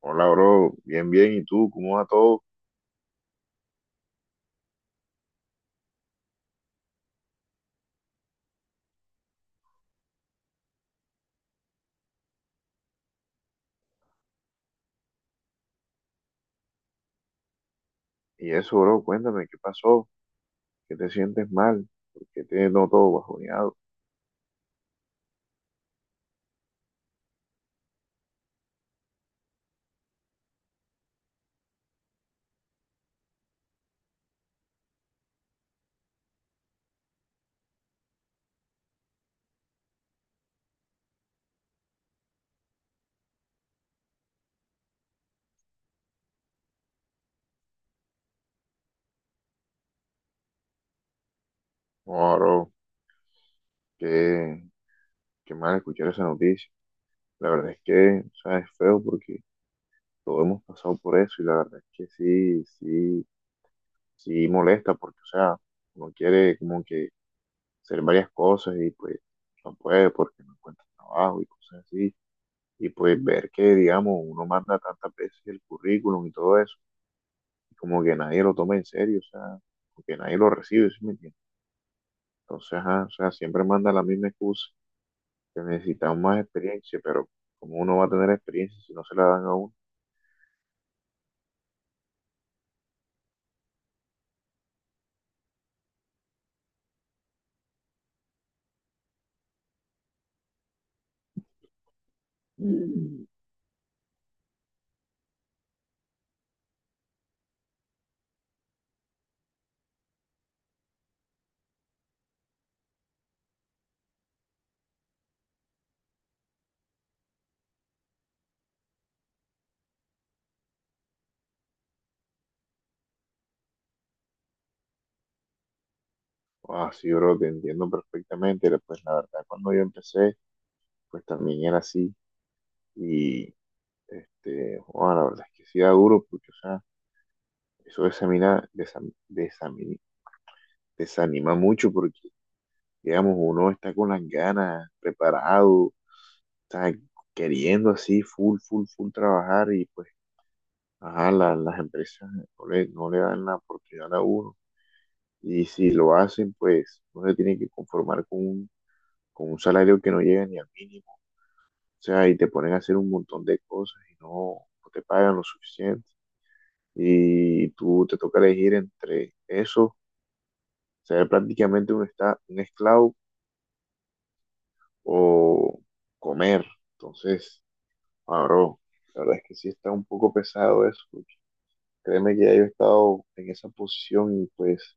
Hola, bro. Bien, bien. ¿Y tú? ¿Cómo va todo? Y eso, bro, cuéntame, ¿qué pasó? ¿Qué te sientes mal? ¿Por qué te noto bajoneado? No, bro, qué, qué mal escuchar esa noticia. La verdad es que, o sea, es feo porque todos hemos pasado por eso y la verdad es que sí, sí, sí molesta porque, o sea, uno quiere como que hacer varias cosas y pues no puede porque no encuentra trabajo y cosas así. Y pues ver que, digamos, uno manda tantas veces el currículum y todo eso como que nadie lo toma en serio, o sea, porque nadie lo recibe, ¿sí me entiendes? Entonces, ajá, o sea, siempre manda la misma excusa, que necesitamos más experiencia, pero como uno va a tener experiencia si no se la dan a uno? Mm. Ah, sí, bro, te entiendo perfectamente. Pero, pues la verdad, cuando yo empecé, pues también era así. Y este, bueno, la verdad es que sí da duro, porque, o sea, eso desamina, desanima mucho, porque, digamos, uno está con las ganas, preparado, sea, queriendo así, full, full, full trabajar y pues, ajá, las empresas no le dan la oportunidad a uno. Y si lo hacen, pues uno se tiene que conformar con un salario que no llega ni al mínimo. O sea, y te ponen a hacer un montón de cosas y no, no te pagan lo suficiente. Y tú te toca elegir entre eso, ser prácticamente un, un esclavo o comer. Entonces, ahora, la verdad es que sí está un poco pesado eso. Créeme que ya yo he estado en esa posición y pues,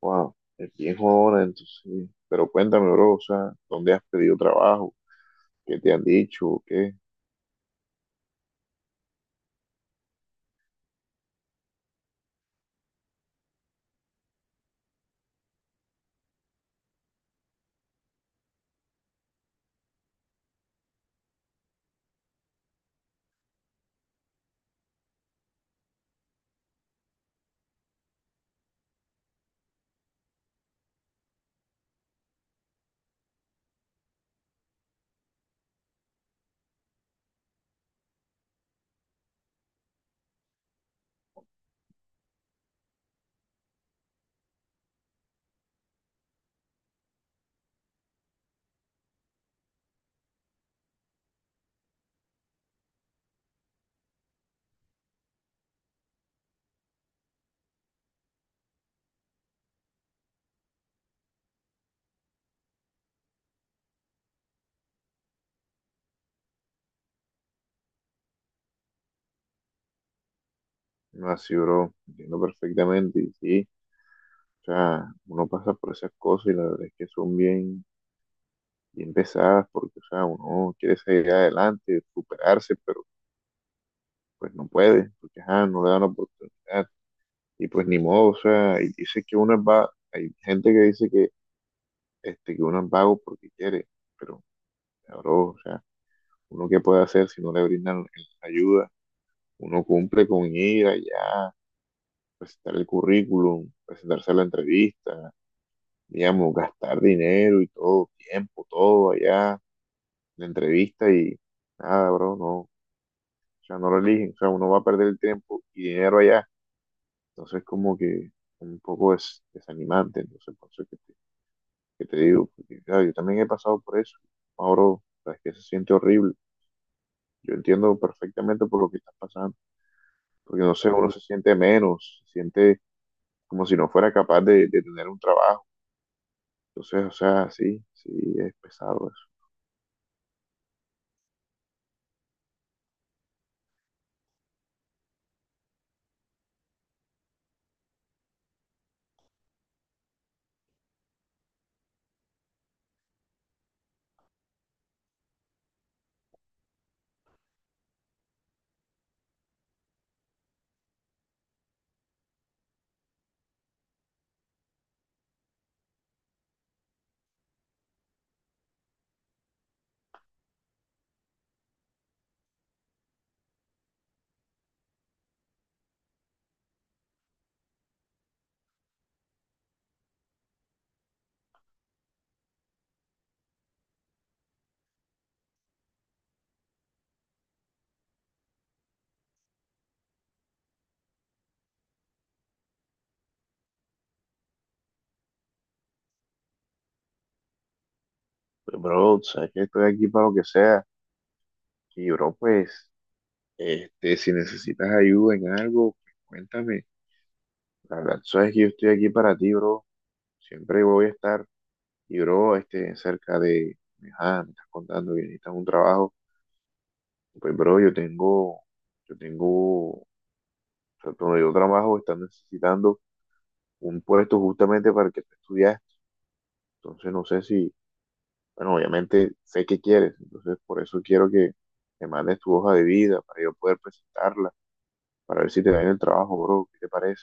wow, es bien jodona, entonces. Pero cuéntame, bro, o sea, ¿dónde has pedido trabajo? ¿Qué te han dicho? ¿O qué? No, así, bro, entiendo perfectamente. Y sí, o sea, uno pasa por esas cosas y la verdad es que son bien, bien pesadas porque, o sea, uno quiere seguir adelante, superarse, pero pues no puede, porque, ajá, no le dan la oportunidad. Y pues ni modo, o sea, y dice que uno es va, hay gente que dice que, este, que uno es vago porque quiere. Pero bro, o sea, uno qué puede hacer si no le brindan ayuda, uno cumple con ir allá, presentar el currículum, presentarse a la entrevista, digamos, gastar dinero y todo, tiempo, todo allá, la entrevista y nada, bro, no, o sea, no lo eligen, o sea, uno va a perder el tiempo y dinero allá, entonces como que un poco es desanimante, entonces por eso que te digo, porque claro, yo también he pasado por eso, ahora, o sea, es que se siente horrible, yo entiendo perfectamente por lo que estás pasando. Porque no sé, uno se siente menos, se siente como si no fuera capaz de tener un trabajo. Entonces, o sea, sí, sí, es pesado eso. Pero, bro, sabes que estoy aquí para lo que sea. Y, bro, pues, este, si necesitas ayuda en algo, cuéntame. La verdad, sabes que yo estoy aquí para ti, bro. Siempre voy a estar. Y, bro, este, cerca de, ajá, me estás contando que necesitas un trabajo. Pues, bro, yo tengo, o sea, donde yo trabajo, están necesitando un puesto justamente para el que tú estudiaste. Entonces no sé si, bueno, obviamente sé qué quieres, entonces por eso quiero que me mandes tu hoja de vida para yo poder presentarla, para ver si te dan el trabajo, bro, ¿qué te parece?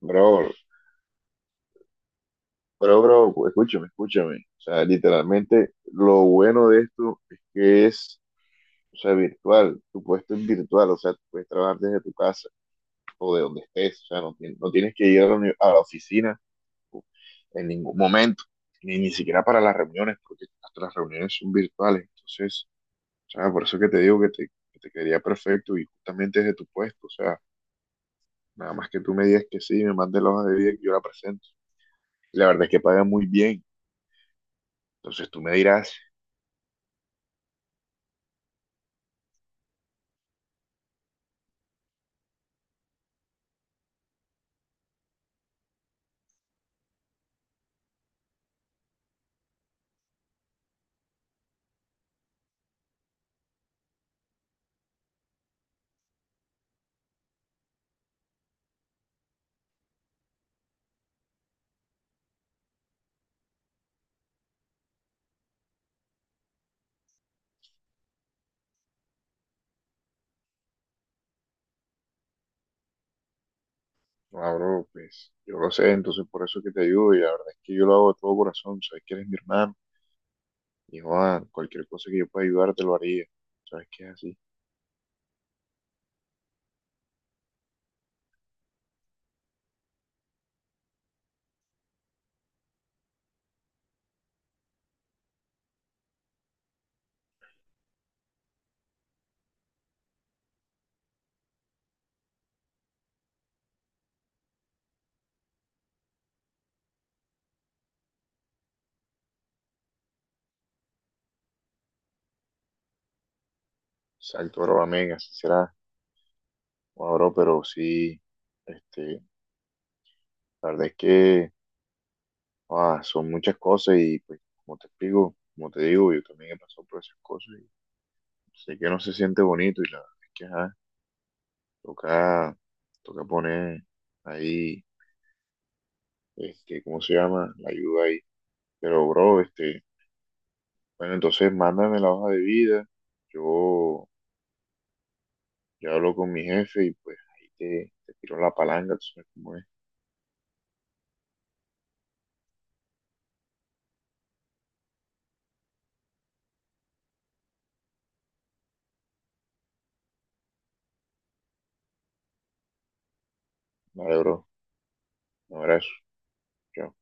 Bro, bro, escúchame. O sea, literalmente lo bueno de esto es que es, o sea, virtual. Tu puesto es virtual, o sea, tú puedes trabajar desde tu casa o de donde estés. O sea, no, no tienes que ir a la, a la oficina o- en ningún momento, ni siquiera para las reuniones, porque hasta las reuniones son virtuales. Entonces, o sea, por eso que te digo que te quedaría perfecto y justamente desde tu puesto. O sea, nada más que tú me digas que sí, me mandes la hoja de vida y yo la presento. Y la verdad es que paga muy bien. Entonces tú me dirás, no, bro, pues yo lo sé, entonces por eso que te ayudo y la verdad es que yo lo hago de todo corazón. Sabes que eres mi hermano y Juan, cualquier cosa que yo pueda ayudar te lo haría. Sabes que es así. Exacto, bro, amén, así será. Bueno, bro, pero sí, este, la verdad es que ah, son muchas cosas y pues como te explico, como te digo, yo también he pasado por esas cosas y sé que no se siente bonito y la verdad es que ajá, toca, toca poner ahí, este, ¿cómo se llama? La ayuda ahí. Pero bro, este, bueno, entonces mándame la hoja de vida, yo ya hablo con mi jefe y pues ahí te, te tiro la palanca, tú sabes cómo es. Vale, bro, un abrazo, chao.